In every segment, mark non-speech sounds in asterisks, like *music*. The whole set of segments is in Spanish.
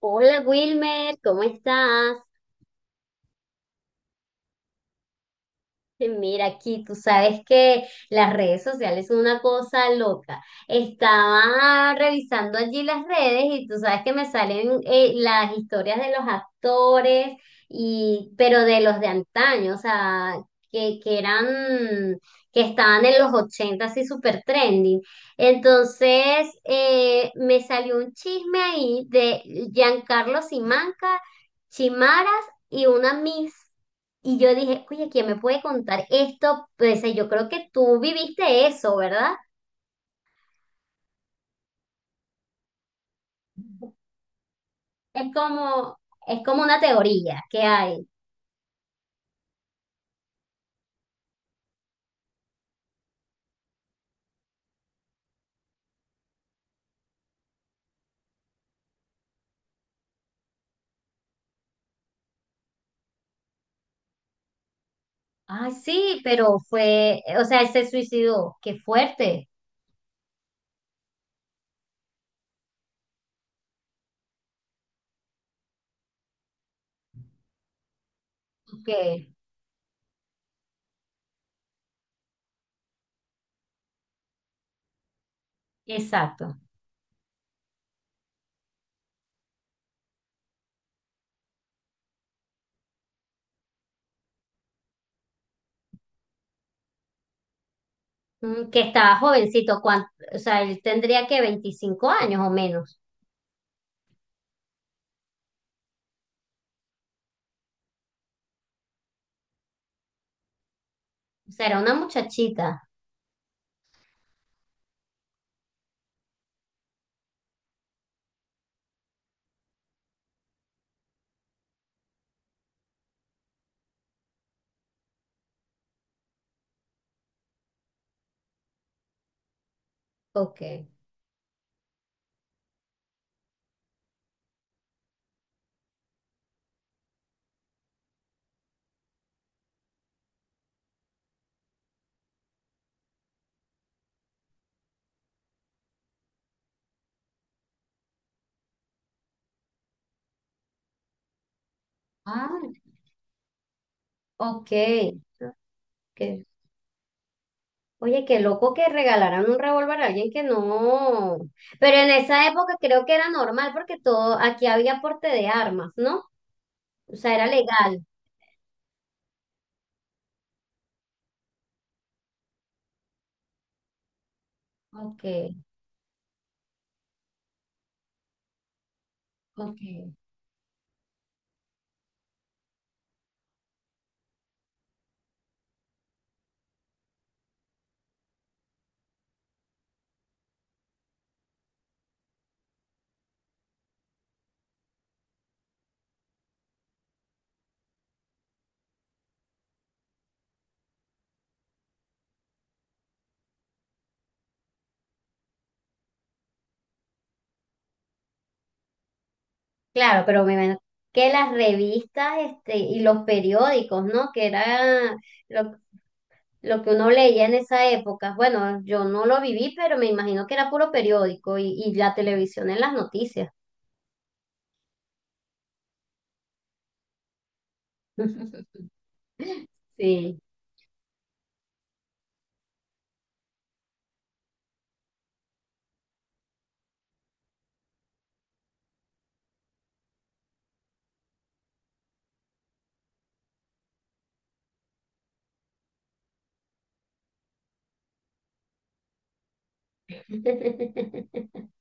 Hola Wilmer, ¿cómo estás? Mira aquí, tú sabes que las redes sociales son una cosa loca. Estaba revisando allí las redes y tú sabes que me salen las historias de los actores y pero de los de antaño, o sea, que eran, que estaban en los 80 así súper trending. Entonces, me salió un chisme ahí de Giancarlo Simanca, Chimara y una Miss. Y yo dije, oye, ¿quién me puede contar esto? Pues yo creo que tú viviste eso, ¿verdad? Es como, es como una teoría que hay. Ay, sí, pero fue, o sea, él se suicidó. Qué fuerte. Que, exacto. Mm, que estaba jovencito, o sea, él tendría que 25 años o menos. O sea, era una muchachita. Ok. Ah, ok. Ok. Oye, qué loco que regalaran un revólver a alguien que no. Pero en esa época creo que era normal porque todo, aquí había porte de armas, ¿no? O sea, era legal. Ok, ok. Claro, pero me imagino que las revistas, este, y los periódicos, ¿no? Que era lo, lo que uno leía en esa época. Bueno, yo no lo viví, pero me imagino que era puro periódico y la televisión en las noticias. *laughs* Sí. *laughs*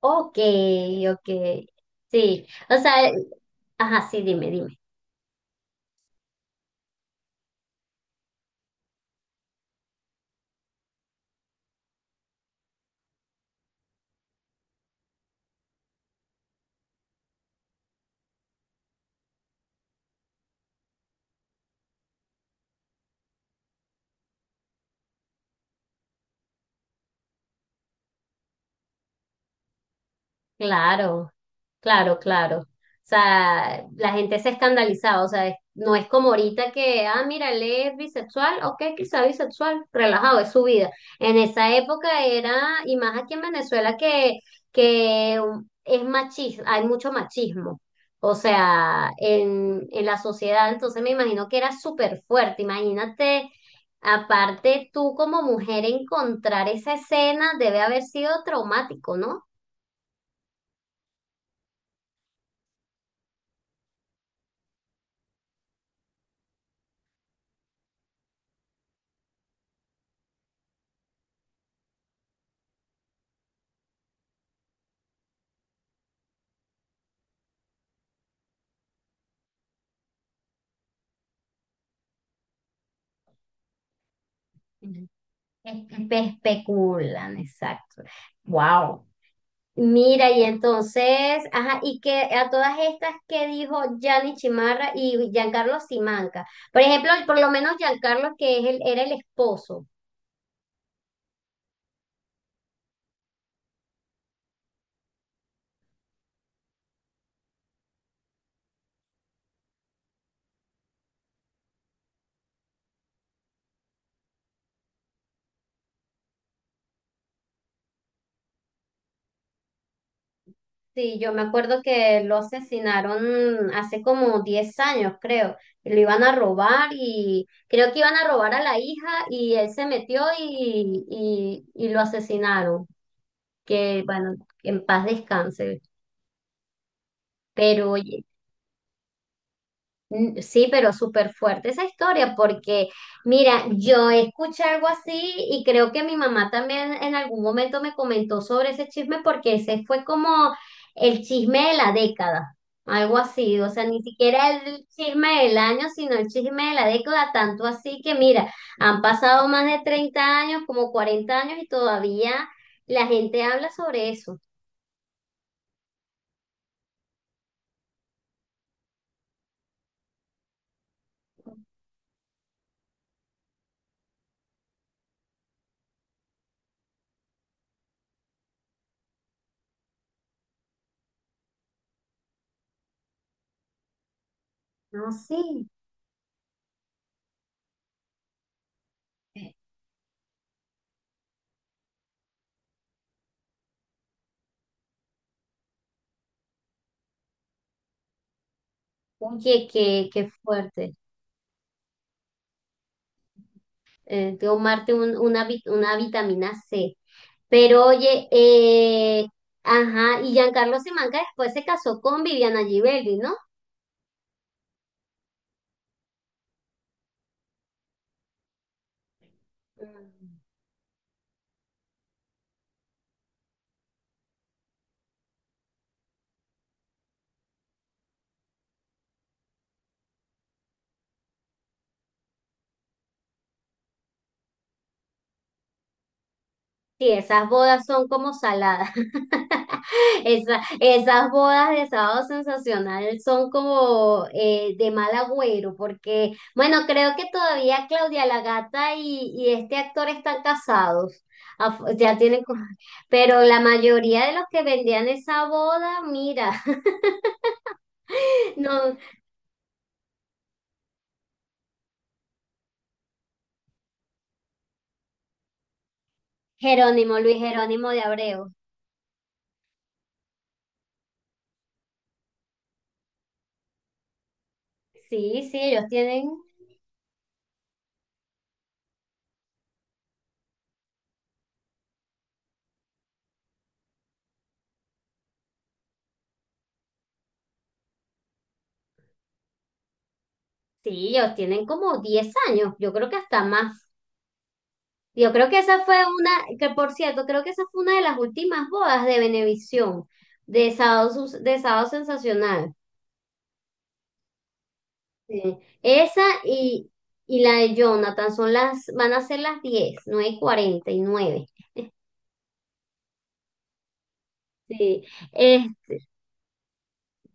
Ok, ok. Sí, o sea, ajá, sí, dime, dime. Claro. Claro, claro. O sea, la gente se escandalizaba, o sea, no es como ahorita que, ah, mira, él es bisexual, ok, quizá bisexual, relajado, es su vida. En esa época era, y más aquí en Venezuela, que es machismo, hay mucho machismo, o sea, en la sociedad, entonces me imagino que era súper fuerte, imagínate, aparte tú como mujer encontrar esa escena debe haber sido traumático, ¿no? Especulan, exacto. Wow. Mira, y entonces, ajá, y que a todas estas que dijo Gianni Chimarra y Giancarlo Simanca. Por ejemplo, por lo menos Giancarlo, que es era el esposo. Sí, yo me acuerdo que lo asesinaron hace como 10 años, creo. Lo iban a robar y creo que iban a robar a la hija y él se metió y lo asesinaron. Que bueno, en paz descanse. Pero oye. Mm, sí, pero súper fuerte esa historia porque, mira, yo escuché algo así y creo que mi mamá también en algún momento me comentó sobre ese chisme porque ese fue como el chisme de la década, algo así, o sea, ni siquiera el chisme del año, sino el chisme de la década, tanto así que, mira, han pasado más de 30 años, como 40 años y todavía la gente habla sobre eso. No, sí, oye, qué fuerte. Tomarte una vitamina C. Pero oye, ajá, y Giancarlo Simanca después se casó con Viviana Givelli, ¿no? Mm. Sí, esas bodas son como saladas. *laughs* Esas bodas de Sábado Sensacional son como de mal agüero, porque, bueno, creo que todavía Claudia La Gata y este actor están casados. Ya tienen, pero la mayoría de los que vendían esa boda, mira. *laughs* No, Jerónimo, Luis Jerónimo de Abreu. Sí, sí, ellos tienen como 10 años, yo creo que hasta más. Yo creo que esa fue una, que por cierto, creo que esa fue una de las últimas bodas de Venevisión, de Sábado Sensacional. Sí. Esa y la de Jonathan van a ser las 10, 9 y cuarenta y nueve. Sí. Este,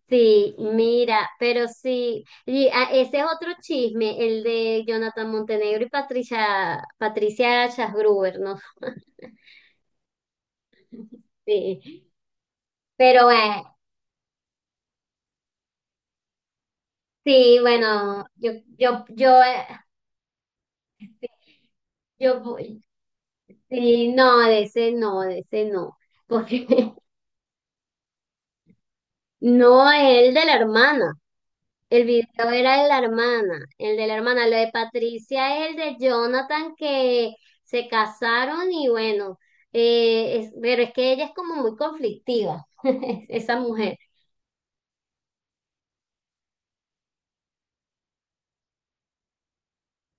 Sí, mira, pero sí, y, ah, ese es otro chisme, el de Jonathan Montenegro y Patricia Schasgruber, ¿no? *laughs* Sí, pero sí, bueno, yo, yo, eh, yo, voy- sí, no, de ese no, porque *laughs* No, el de la hermana. El video era de la hermana, el de la hermana. Lo de Patricia es el de Jonathan que se casaron y bueno, pero es que ella es como muy conflictiva, *laughs* esa mujer.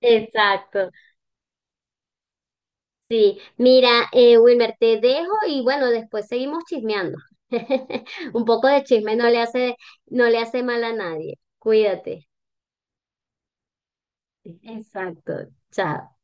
Exacto, sí. Mira, Wilmer, te dejo y bueno, después seguimos chismeando. *laughs* Un poco de chisme no le hace mal a nadie. Cuídate. Exacto, chao.